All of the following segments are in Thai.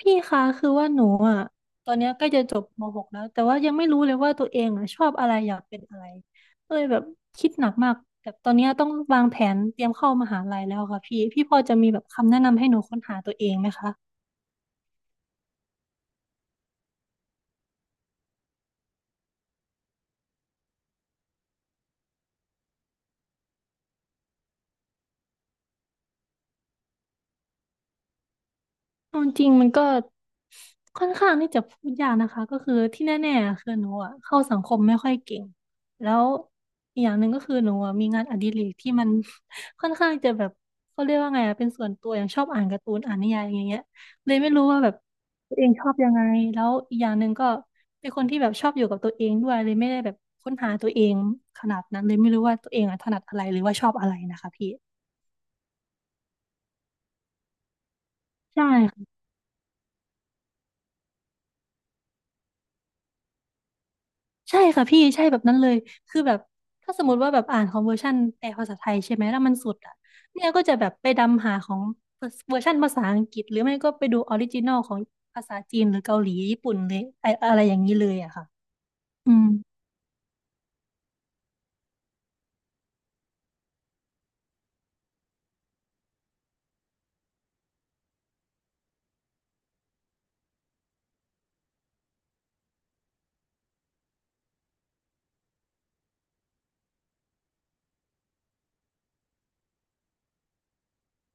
พี่คะคือว่าหนูอ่ะตอนเนี้ยใกล้จะจบม .6 แล้วแต่ว่ายังไม่รู้เลยว่าตัวเองอ่ะชอบอะไรอยากเป็นอะไรก็เลยแบบคิดหนักมากแต่ตอนเนี้ยต้องวางแผนเตรียมเข้ามหาลัยแล้วค่ะพี่พี่พอจะมีแบบคำแนะนำให้หนูค้นหาตัวเองไหมคะ เอาจริงมันก็ค่อนข้างที่จะพูดยากนะคะก็คือที่แน่ๆคือหนูอะเข้าสังคมไม่ค่อยเก่งแล้วอีกอย่างหนึ่งก็คือหนูอะมีงานอดิเรกที่มัน ค่อนข้างจะแบบเขาเรียกว่าไงอะเป็นส่วนตัวอย่างชอบอ่านการ์ตูนอ่านนิยายอย่างเงี้ยเลยไม่รู้ว่าแบบตัวเองชอบยังไงแล้วอีกอย่างหนึ่งก็เป็นคนที่แบบชอบอยู่กับตัวเองด้วยเลยไม่ได้แบบค้นหาตัวเองขนาดนั้นเลยไม่รู้ว่าตัวเองอะถนัดอะไรหรือว่าชอบอะไรนะคะพี่ใช่ ใช่ค่ะพี่ใช่แบบนั้นเลยคือแบบถ้าสมมติว่าแบบอ่านของเวอร์ชันแปลภาษาไทยใช่ไหมแล้วมันสุดอ่ะเนี่ยก็จะแบบไปดำหาของเวอร์ชันภาษาอังกฤษหรือไม่ก็ไปดูออริจินอลของภาษาจีนหรือเกาหลีญี่ปุ่นเลยไออะไรอย่างนี้เลยอะค่ะอืม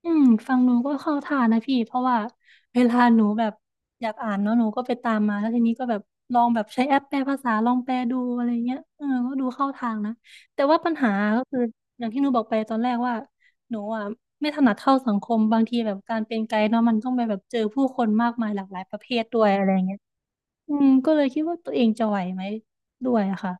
อืมฟังหนูก็เข้าท่านะพี่เพราะว่าเวลาหนูแบบอยากอ่านเนาะหนูก็ไปตามมาแล้วทีนี้ก็แบบลองแบบใช้แอปแปลภาษาลองแปลดูอะไรเงี้ยเออก็ดูเข้าทางนะแต่ว่าปัญหาก็คืออย่างที่หนูบอกไปตอนแรกว่าหนูไม่ถนัดเข้าสังคมบางทีแบบการเป็นไกด์เนาะมันต้องไปแบบเจอผู้คนมากมายหลากหลายประเภทด้วยอะไรเงี้ยอืมก็เลยคิดว่าตัวเองจะไหวไหมด้วยอะค่ะ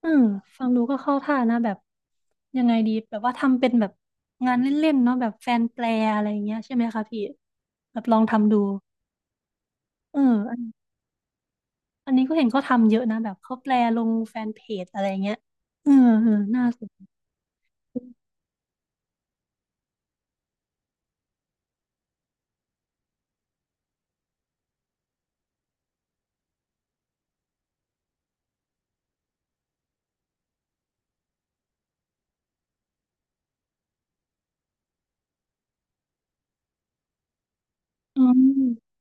เออฟังดูก็เข้าท่านะแบบยังไงดีแบบว่าทำเป็นแบบงานเล่นๆเนาะแบบแฟนแปลอะไรอย่างเงี้ยใช่ไหมคะพี่แบบลองทำดูเอออันอันนี้ก็เห็นเขาทำเยอะนะแบบเขาแปลลงแฟนเพจอะไรเงี้ยเออเออน่าสนอืม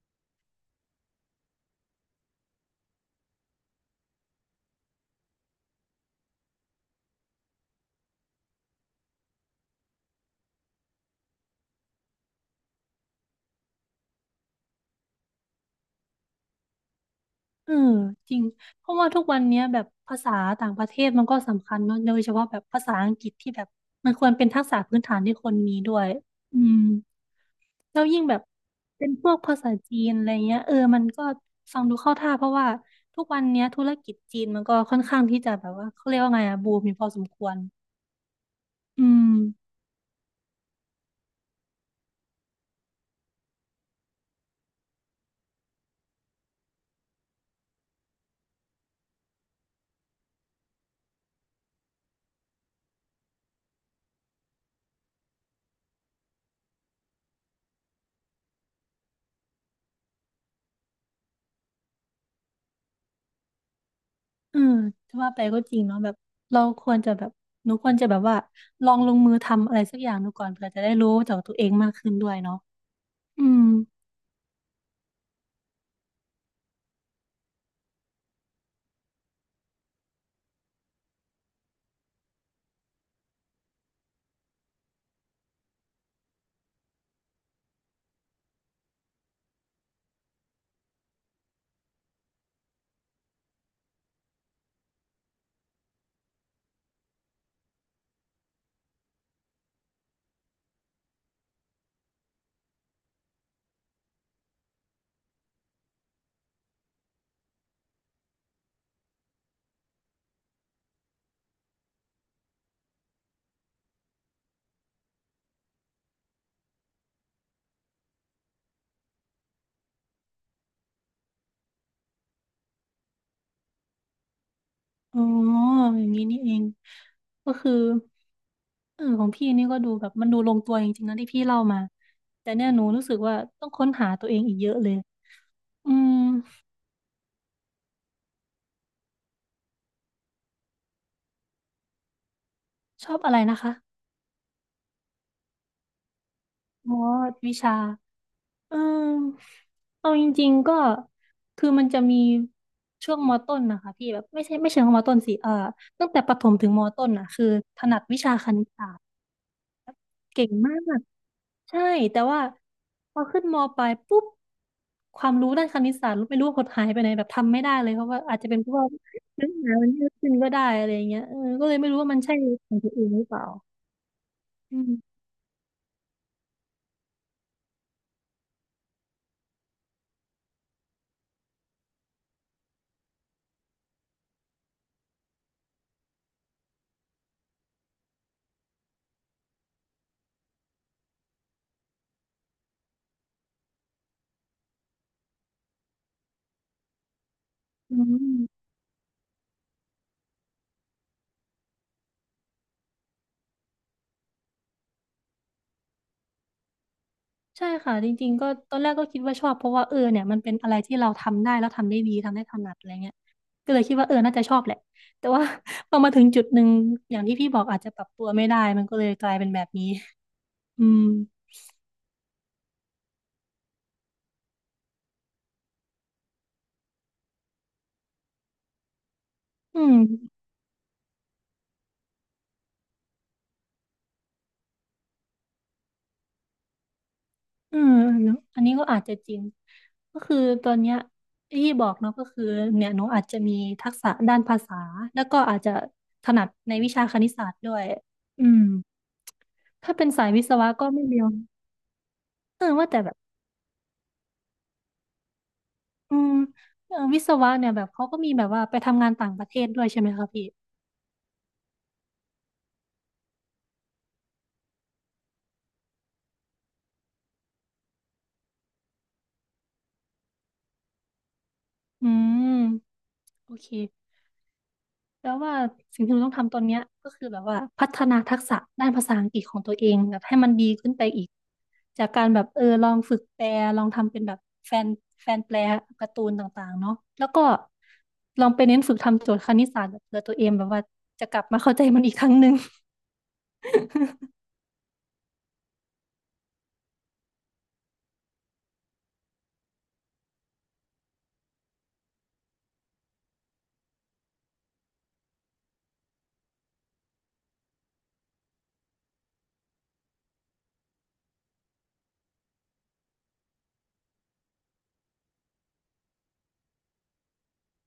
เออจริงเพราะว่าทุกวันเนี้ยแบบภาษาต่างประเทศมันก็สำคัญเนาะโดยเฉพาะแบบภาษาอังกฤษที่แบบมันควรเป็นทักษะพื้นฐานที่คนมีด้วยอืม แล้วยิ่งแบบเป็นพวกภาษาจีนอะไรเงี้ยเออมันก็ฟังดูเข้าท่าเพราะว่าทุกวันเนี้ยธุรกิจจีนมันก็ค่อนข้างที่จะแบบว่าเขาเรียกว่าไงอะบูมมีพอสมควรอืมเออจะว่าไปก็จริงเนาะแบบเราควรจะแบบหนูควรจะแบบว่าลองลงมือทำอะไรสักอย่างดูก่อนเผื่อจะได้รู้จากตัวเองมากขึ้นด้วยเนาะอืมอ๋ออย่างนี้นี่เองก็คือเออของพี่นี่ก็ดูแบบมันดูลงตัวจริงๆนะที่พี่เล่ามาแต่เนี่ยหนูรู้สึกว่าต้องค้นหาตัวเองอีกเยอะเลย อืมชอบอะไรนะคะอ๋อวิชาเออเอาจริงๆก็คือมันจะมีช่วงมต้นนะคะพี่แบบไม่ใช่ไม่เชิงว่ามต้นสิเออตั้งแต่ประถมถึงมต้นอ่ะคือถนัดวิชาคณิตศาสตร์เก่งมากใช่แต่ว่าพอขึ้นมปลายปุ๊บความรู้ด้านคณิตศาสตร์ไม่รู้ว่าหดหายไปไหนแบบทำไม่ได้เลยเพราะว่าอาจจะเป็นเพราะว่าเนื้อหามันเยอะขึ้นก็ได้อะไรอย่างเงี้ยเออก็เลยไม่รู้ว่ามันใช่ของตัวเองหรือเปล่าอืมอืม ใช่ค่ะจริงๆก็ตอนแรกก็คิดว่าชอบเพราะว่าเออเนี่ยมันเป็นอะไรที่เราทำได้แล้วทำได้ดีทำได้ถนัดอะไรเงี้ยก็เลยคิดว่าเออน่าจะชอบแหละแต่ว่า พอมาถึงจุดหนึ่งอย่างที่พี่บอกอาจจะปรับตัวไม่ได้มันก็เลยกลายเป็นแบบนี้อืมอืมอืมเนอะอันนี้ก็อาจจะจริงก็คือตอนเนี้ยที่บอกเนาะก็คือเนี่ยหนูอาจจะมีทักษะด้านภาษาแล้วก็อาจจะถนัดในวิชาคณิตศาสตร์ด้วยอืมถ้าเป็นสายวิศวะก็ไม่เรียวเออว่าแต่แบบ อืมเอ่อวิศวะเนี่ยแบบเขาก็มีแบบว่าไปทำงานต่างประเทศด้วยใช่ไหมคะพี่อืมโอเคแล้วว่าสิ่งที่เราต้องทำตอนเนี้ยก็คือแบบว่าพัฒนาทักษะด้านภาษาอังกฤษของตัวเองแบบให้มันดีขึ้นไปอีกจากการแบบเออลองฝึกแปลลองทำเป็นแบบแฟนแฟนแปลการ์ตูนต่างๆเนาะแล้วก็ลองไปเน้นฝึกทำโจทย์คณิตศาสตร์แบบเผื่อตัวเองแบบว่าจะกลับมาเข้าใจมันอีกครั้งหนึ่ง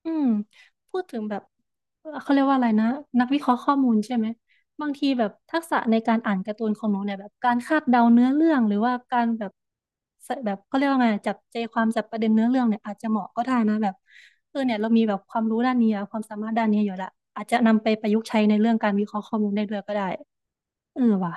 อืมพูดถึงแบบเขาเรียกว่าอะไรนะนักวิเคราะห์ข้อมูลใช่ไหมบางทีแบบทักษะในการอ่านการ์ตูนของหนูเนี่ยแบบการคาดเดาเนื้อเรื่องหรือว่าการแบบใส่แบบเขาเรียกว่าไงจับใจความจับประเด็นเนื้อเรื่องเนี่ยอาจจะเหมาะก็ได้นะแบบเออเนี่ยเรามีแบบความรู้ด้านนี้อะความสามารถด้านนี้อยู่ละอาจจะนำไปประยุกต์ใช้ในเรื่องการวิเคราะห์ข้อมูลได้ด้วยก็ได้เออว่ะ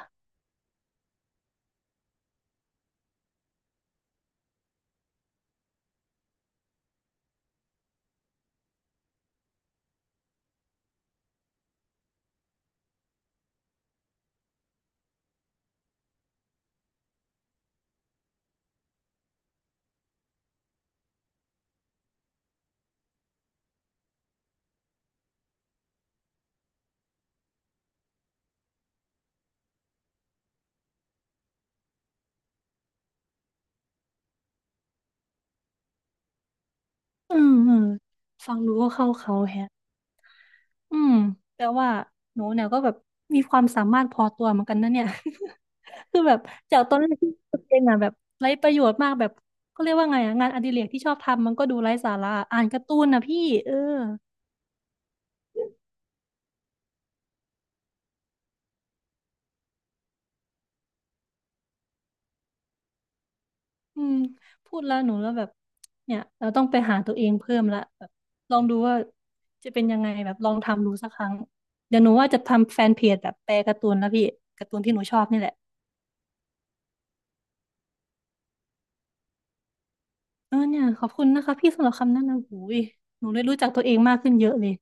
อืมฟังดูก็เข้าเขาแฮะ อืมแต่ว่าหนูเนี่ยก็แบบมีความสามารถพอตัวเหมือนกันนะเนี่ย คือแบบจากตอนแรกที่ตัวเองอ่ะแบบไร้ประโยชน์มากแบบก็เรียกว่าไงอ่ะงานอดิเรกที่ชอบทำมันก็ดูไร้สาระอ่านการ์ตูนนะพี่เอออืมพูดแล้วหนูแล้วแบบเนี่ยเราต้องไปหาตัวเองเพิ่มละแบบลองดูว่าจะเป็นยังไงแบบลองทำดูสักครั้งเดี๋ยวหนูว่าจะทำแฟนเพจแบบแปลการ์ตูนแล้วพี่การ์ตูนที่หนูชอบนี่แหละเออเนี่ยขอบคุณนะคะพี่สำหรับคำแนะนำหูยหนูได้รู้จักตัวเองมากขึ้นเยอะเลย